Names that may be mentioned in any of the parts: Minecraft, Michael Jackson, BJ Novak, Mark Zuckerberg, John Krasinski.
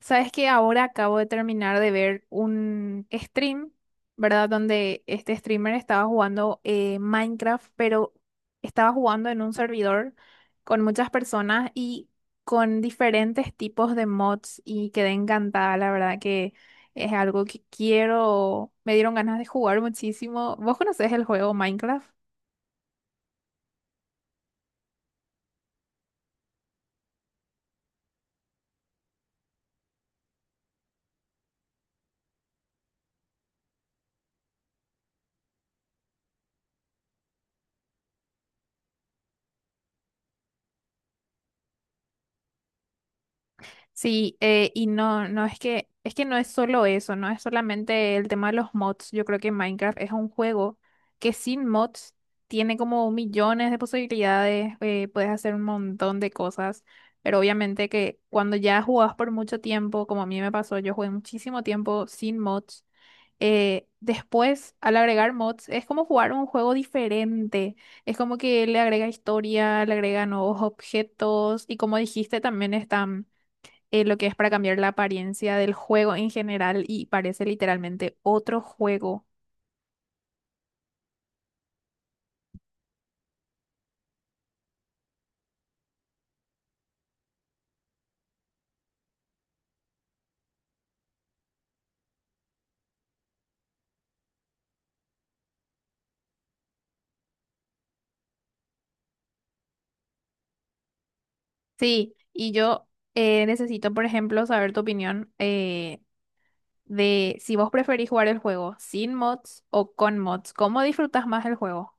Sabes que ahora acabo de terminar de ver un stream, ¿verdad? Donde este streamer estaba jugando Minecraft, pero estaba jugando en un servidor con muchas personas y con diferentes tipos de mods y quedé encantada, la verdad que es algo que quiero, me dieron ganas de jugar muchísimo. ¿Vos conocés el juego Minecraft? Sí, y no, no es que, es que no es solo eso, no es solamente el tema de los mods. Yo creo que Minecraft es un juego que sin mods tiene como millones de posibilidades, puedes hacer un montón de cosas, pero obviamente que cuando ya jugás por mucho tiempo, como a mí me pasó, yo jugué muchísimo tiempo sin mods. Después, al agregar mods, es como jugar un juego diferente. Es como que le agrega historia, le agrega nuevos objetos y como dijiste, también están, lo que es para cambiar la apariencia del juego en general, y parece literalmente otro juego. Sí, y yo, necesito, por ejemplo, saber tu opinión, de si vos preferís jugar el juego sin mods o con mods. ¿Cómo disfrutás más el juego?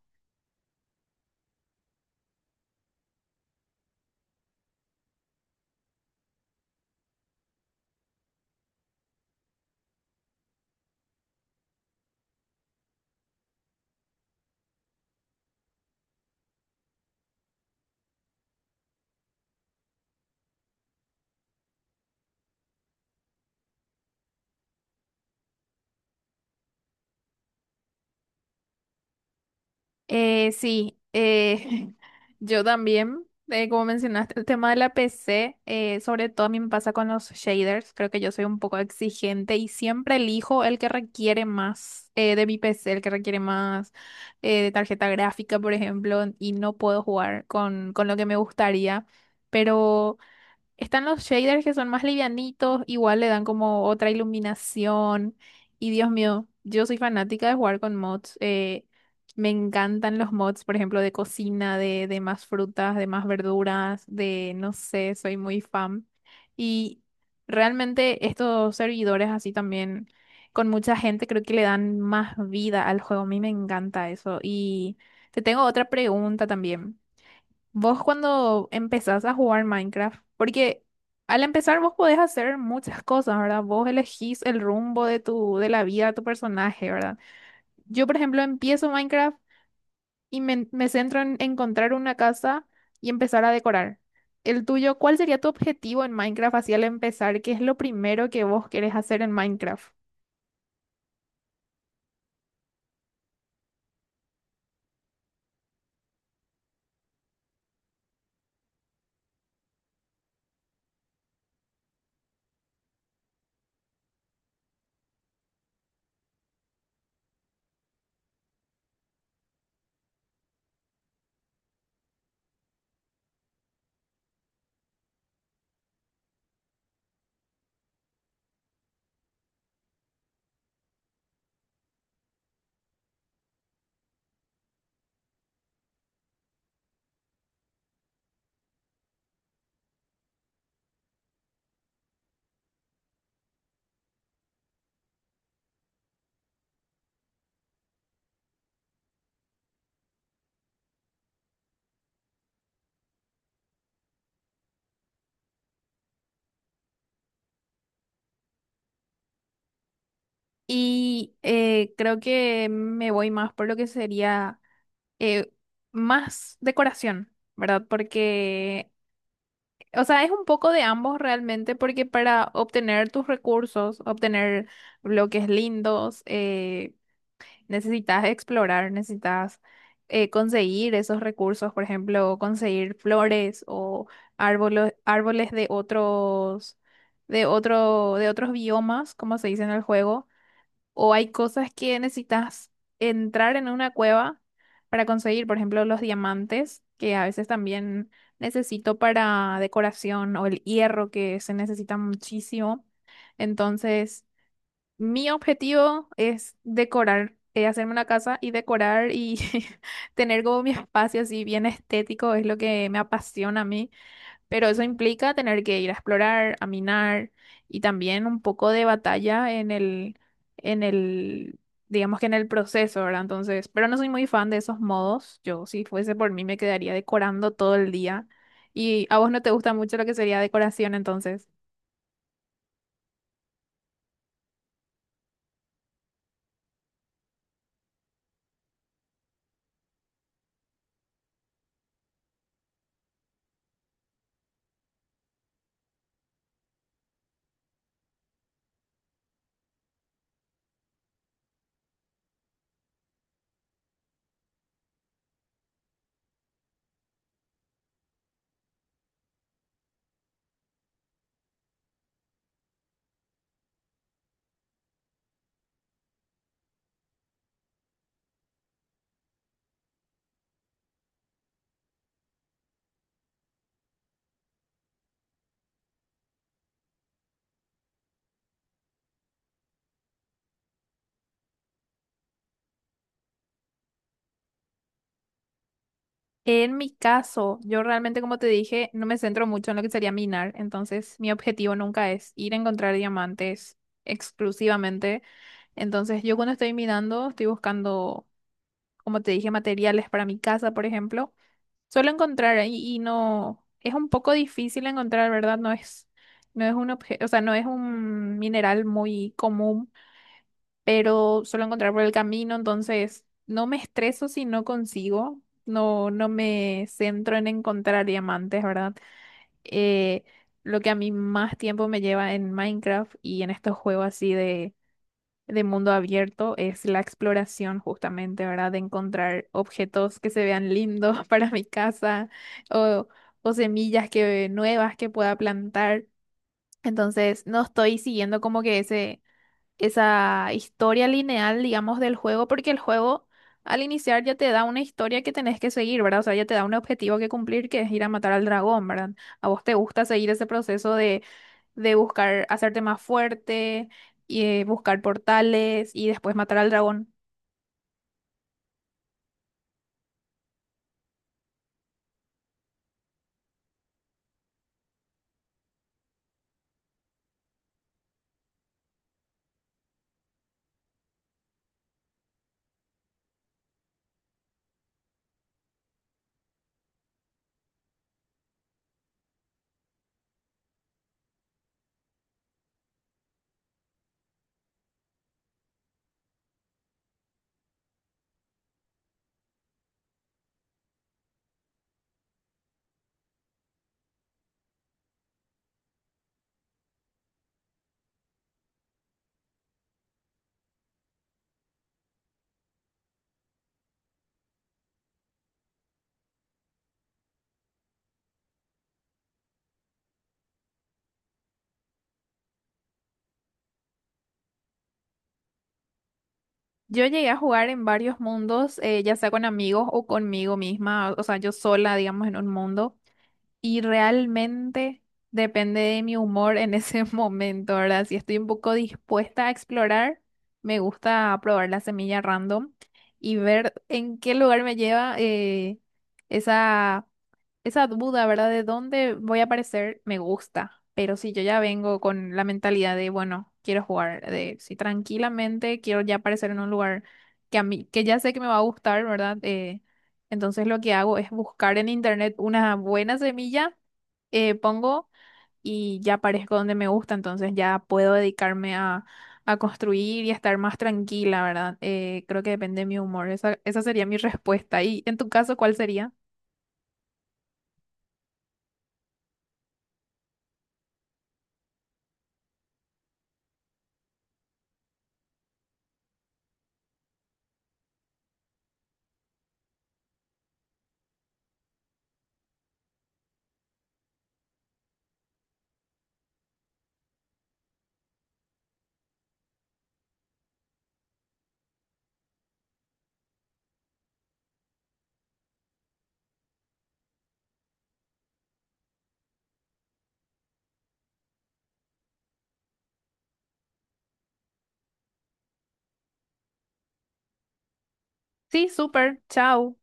Eh, sí, eh, yo también, como mencionaste, el tema de la PC, sobre todo a mí me pasa con los shaders, creo que yo soy un poco exigente y siempre elijo el que requiere más, de mi PC, el que requiere más, de tarjeta gráfica, por ejemplo, y no puedo jugar con, lo que me gustaría. Están los shaders que son más livianitos, igual le dan como otra iluminación. Y Dios mío, yo soy fanática de jugar con mods. Me encantan los mods, por ejemplo, de cocina, de más frutas, de más verduras, de no sé, soy muy fan. Y realmente estos servidores así también, con mucha gente, creo que le dan más vida al juego. A mí me encanta eso. Y te tengo otra pregunta también. Vos cuando empezás a jugar Minecraft, porque al empezar vos podés hacer muchas cosas, ¿verdad? Vos elegís el rumbo de de la vida de tu personaje, ¿verdad? Yo, por ejemplo, empiezo Minecraft y me centro en encontrar una casa y empezar a decorar. El tuyo, ¿cuál sería tu objetivo en Minecraft así al empezar? ¿Qué es lo primero que vos querés hacer en Minecraft? Y creo que me voy más por lo que sería, eh, más decoración, ¿verdad? Porque, o sea, es un poco de ambos realmente, porque para obtener tus recursos, obtener bloques lindos, necesitas explorar, necesitas, conseguir esos recursos, por ejemplo, conseguir flores o árboles, de otros biomas, como se dice en el juego, o hay cosas que necesitas entrar en una cueva para conseguir, por ejemplo, los diamantes, que a veces también necesito para decoración, o el hierro, que se necesita muchísimo. Entonces, mi objetivo es decorar, hacerme una casa y decorar y tener como mi espacio así bien estético, es lo que me apasiona a mí. Pero eso implica tener que ir a explorar, a minar, y también un poco de batalla en en el, digamos que en el proceso, ¿verdad? Entonces, pero no soy muy fan de esos modos. Yo, si fuese por mí, me quedaría decorando todo el día. Y a vos no te gusta mucho lo que sería decoración, entonces. En mi caso, yo realmente, como te dije, no me centro mucho en lo que sería minar. Entonces, mi objetivo nunca es ir a encontrar diamantes exclusivamente. Entonces, yo cuando estoy minando, estoy buscando, como te dije, materiales para mi casa, por ejemplo, suelo encontrar ahí y no, es un poco difícil encontrar, ¿verdad? No es un objeto, o sea, no es un mineral muy común, pero suelo encontrar por el camino, entonces no me estreso si no consigo, no, no me centro en encontrar diamantes, ¿verdad? Eh, lo que a mí más tiempo me lleva en Minecraft y en estos juegos así de mundo abierto es la exploración justamente, ¿verdad? De encontrar objetos que se vean lindos para mi casa o, semillas nuevas que pueda plantar. Entonces, no estoy siguiendo como que esa historia lineal, digamos, del juego, porque el juego al iniciar ya te da una historia que tenés que seguir, ¿verdad? O sea, ya te da un objetivo que cumplir, que es ir a matar al dragón, ¿verdad? ¿A vos te gusta seguir ese proceso de buscar hacerte más fuerte y buscar portales y después matar al dragón? Yo llegué a jugar en varios mundos, ya sea con amigos o conmigo misma, o sea, yo sola, digamos, en un mundo. Y realmente depende de mi humor en ese momento, ¿verdad? Si estoy un poco dispuesta a explorar, me gusta probar la semilla random y ver en qué lugar me lleva, esa, esa duda, ¿verdad? De dónde voy a aparecer, me gusta. Pero si yo ya vengo con la mentalidad de, bueno, quiero jugar, de si tranquilamente quiero ya aparecer en un lugar que a mí, que ya sé que me va a gustar, ¿verdad? Entonces lo que hago es buscar en internet una buena semilla, pongo y ya aparezco donde me gusta, entonces ya puedo dedicarme a, construir y a estar más tranquila, ¿verdad? Creo que depende de mi humor. Esa sería mi respuesta. ¿Y en tu caso, cuál sería? Sí, súper, chao.